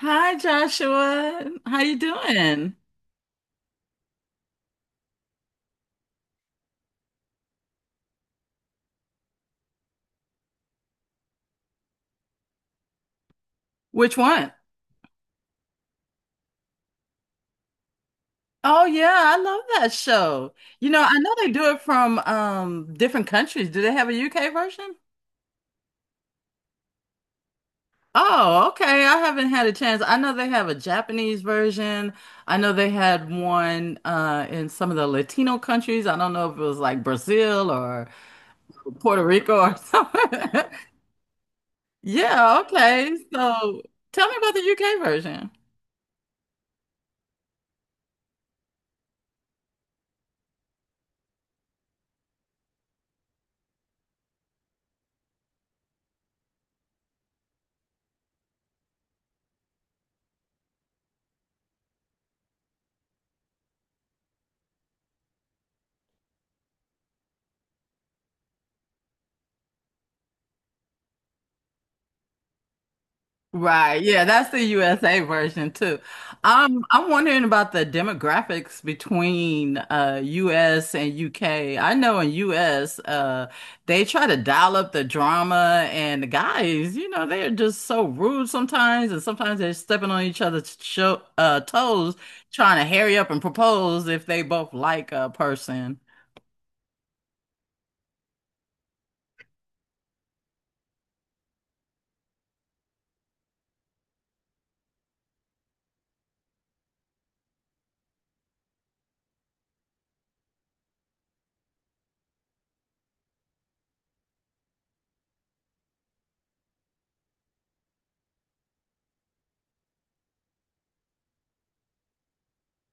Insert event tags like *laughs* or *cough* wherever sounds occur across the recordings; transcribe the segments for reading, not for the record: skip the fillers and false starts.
Hi Joshua. How you doing? Which one? Oh yeah, I love that show. You know, I know they do it from different countries. Do they have a UK version? Oh, okay. I haven't had a chance. I know they have a Japanese version. I know they had one in some of the Latino countries. I don't know if it was like Brazil or Puerto Rico or *laughs* something. Yeah, okay. So tell me about the UK version. Right. Yeah, that's the USA version too. I'm wondering about the demographics between US and UK. I know in US, they try to dial up the drama and the guys, you know, they're just so rude sometimes and sometimes they're stepping on each other's toes trying to hurry up and propose if they both like a person.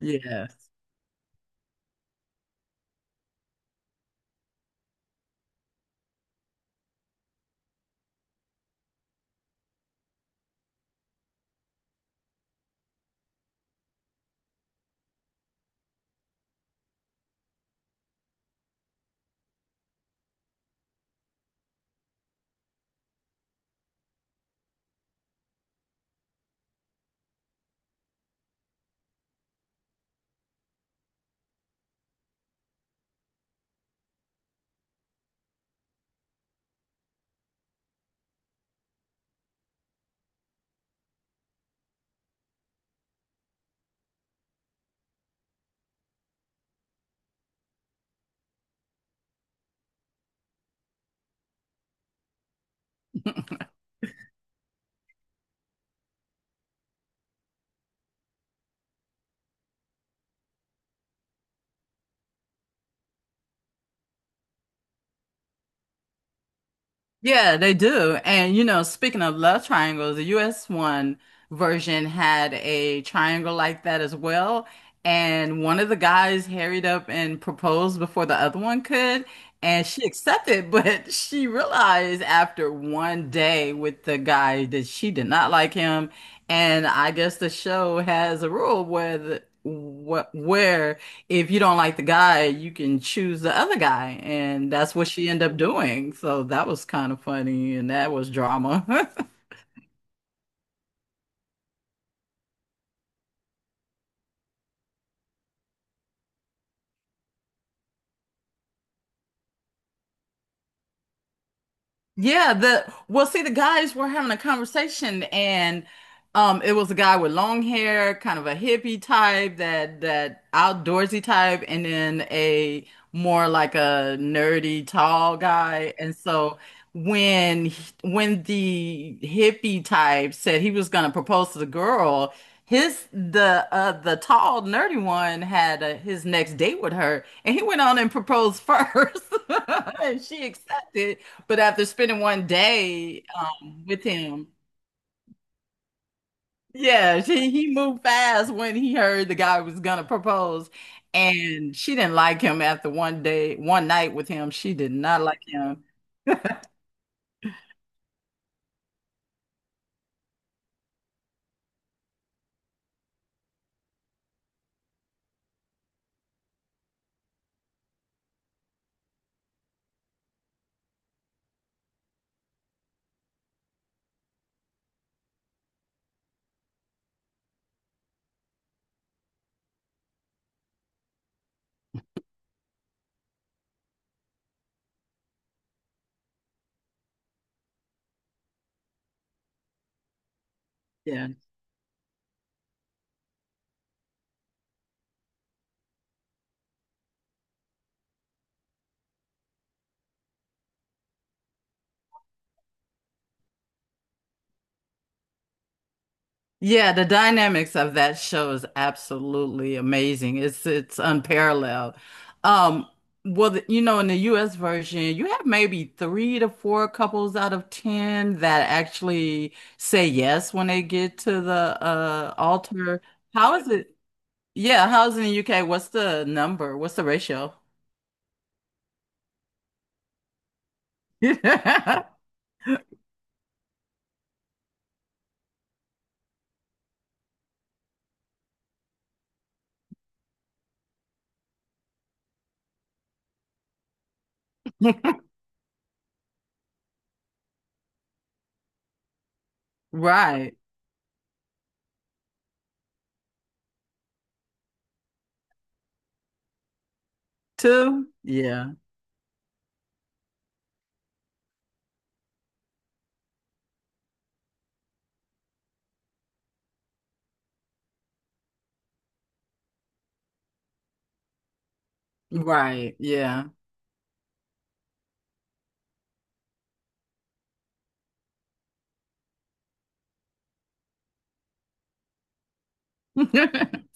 Yeah. Yeah, they do. And you know, speaking of love triangles, the US one version had a triangle like that as well. And one of the guys harried up and proposed before the other one could. And she accepted, *laughs* but she realized after 1 day with the guy that she did not like him. And I guess the show has a rule where the, wh where if you don't like the guy, you can choose the other guy. And that's what she ended up doing. So that was kind of funny and that was drama. *laughs* Yeah, the Well, see, the guys were having a conversation, and it was a guy with long hair, kind of a hippie type, that outdoorsy type, and then a more like a nerdy tall guy. And so when the hippie type said he was going to propose to the girl, his the tall nerdy one had his next date with her, and he went on and proposed first, *laughs* and she accepted. But after spending 1 day with him, he moved fast when he heard the guy was gonna propose, and she didn't like him after 1 day, one night with him. She did not like him. Yeah. Yeah, the dynamics of that show is absolutely amazing. It's unparalleled. Um, well, you know, in the US version, you have maybe three to four couples out of ten that actually say yes when they get to the altar. How is it? Yeah, how's it in the UK? What's the number? What's the ratio? *laughs* Right. Two? Yeah. Right. Yeah. *laughs*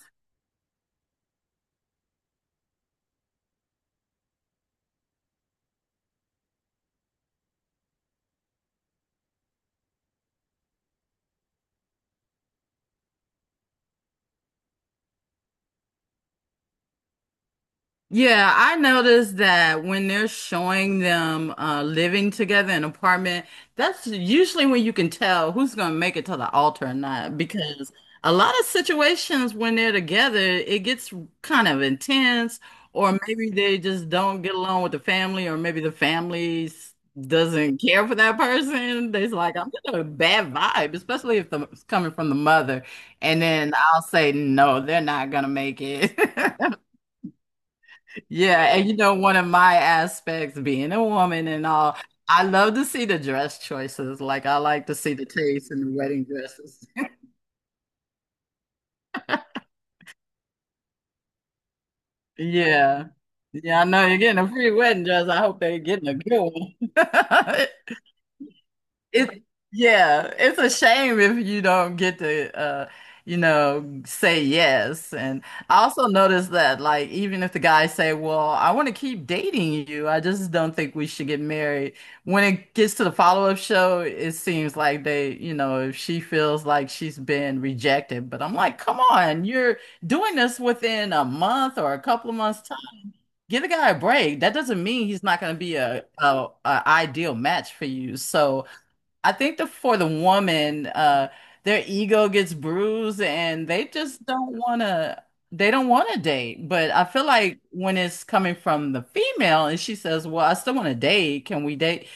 Yeah, I noticed that when they're showing them living together in an apartment, that's usually when you can tell who's going to make it to the altar or not. Because a lot of situations when they're together, it gets kind of intense, or maybe they just don't get along with the family, or maybe doesn't care for that person. They's like, I'm getting a bad vibe, especially if the, it's coming from the mother. And then I'll say, no, they're not going to make it. *laughs* Yeah, and you know, one of my aspects being a woman and all, I love to see the dress choices. Like I like to see the taste in the wedding dresses. *laughs* Yeah. Yeah, I know you're getting a free wedding dress. I hope they're getting a good one. *laughs* It Yeah, it's a shame if you don't get to you know, say yes. And I also noticed that like even if the guys say, "Well, I want to keep dating you. I just don't think we should get married." When it gets to the follow-up show, it seems like they, you know, if she feels like she's been rejected, but I'm like, "Come on, you're doing this within a month or a couple of months time. Give the guy a break. That doesn't mean he's not going to be a ideal match for you." So I think the for the woman, their ego gets bruised and they just don't wanna they don't wanna date. But I feel like when it's coming from the female and she says, well, I still wanna date, can we date?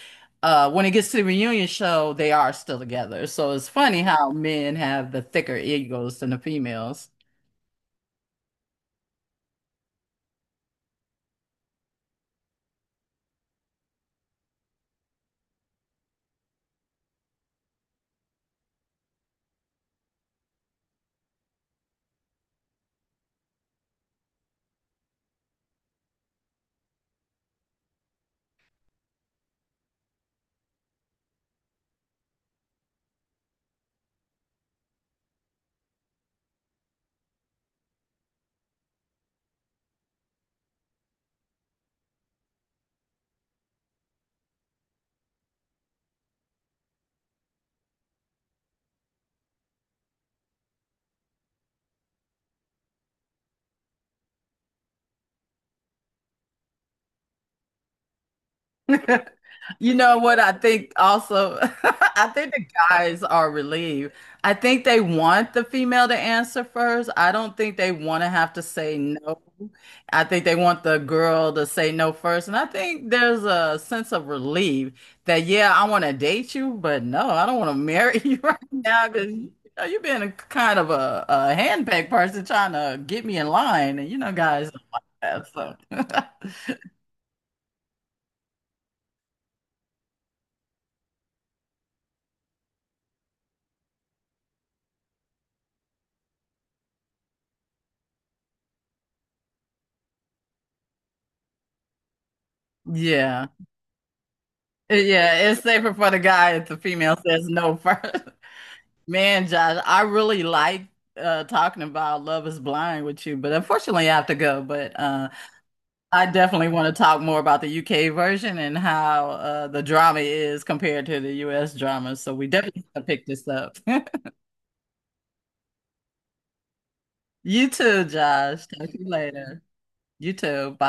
When it gets to the reunion show, they are still together. So it's funny how men have the thicker egos than the females. *laughs* You know what I think also? *laughs* I think the guys are relieved. I think they want the female to answer first. I don't think they want to have to say no. I think they want the girl to say no first. And I think there's a sense of relief that, yeah, I want to date you, but no, I don't want to marry *laughs* you right now because you know, you've been a kind of a handpicked person trying to get me in line. And you know, guys don't like that. So, *laughs* yeah. Yeah, it's safer for the guy if the female says no first. *laughs* Man, Josh, I really like talking about Love is Blind with you, but unfortunately I have to go. But I definitely want to talk more about the UK version and how the drama is compared to the US drama. So we definitely have to pick this up. *laughs* You too, Josh. Talk to you later. You too. Bye.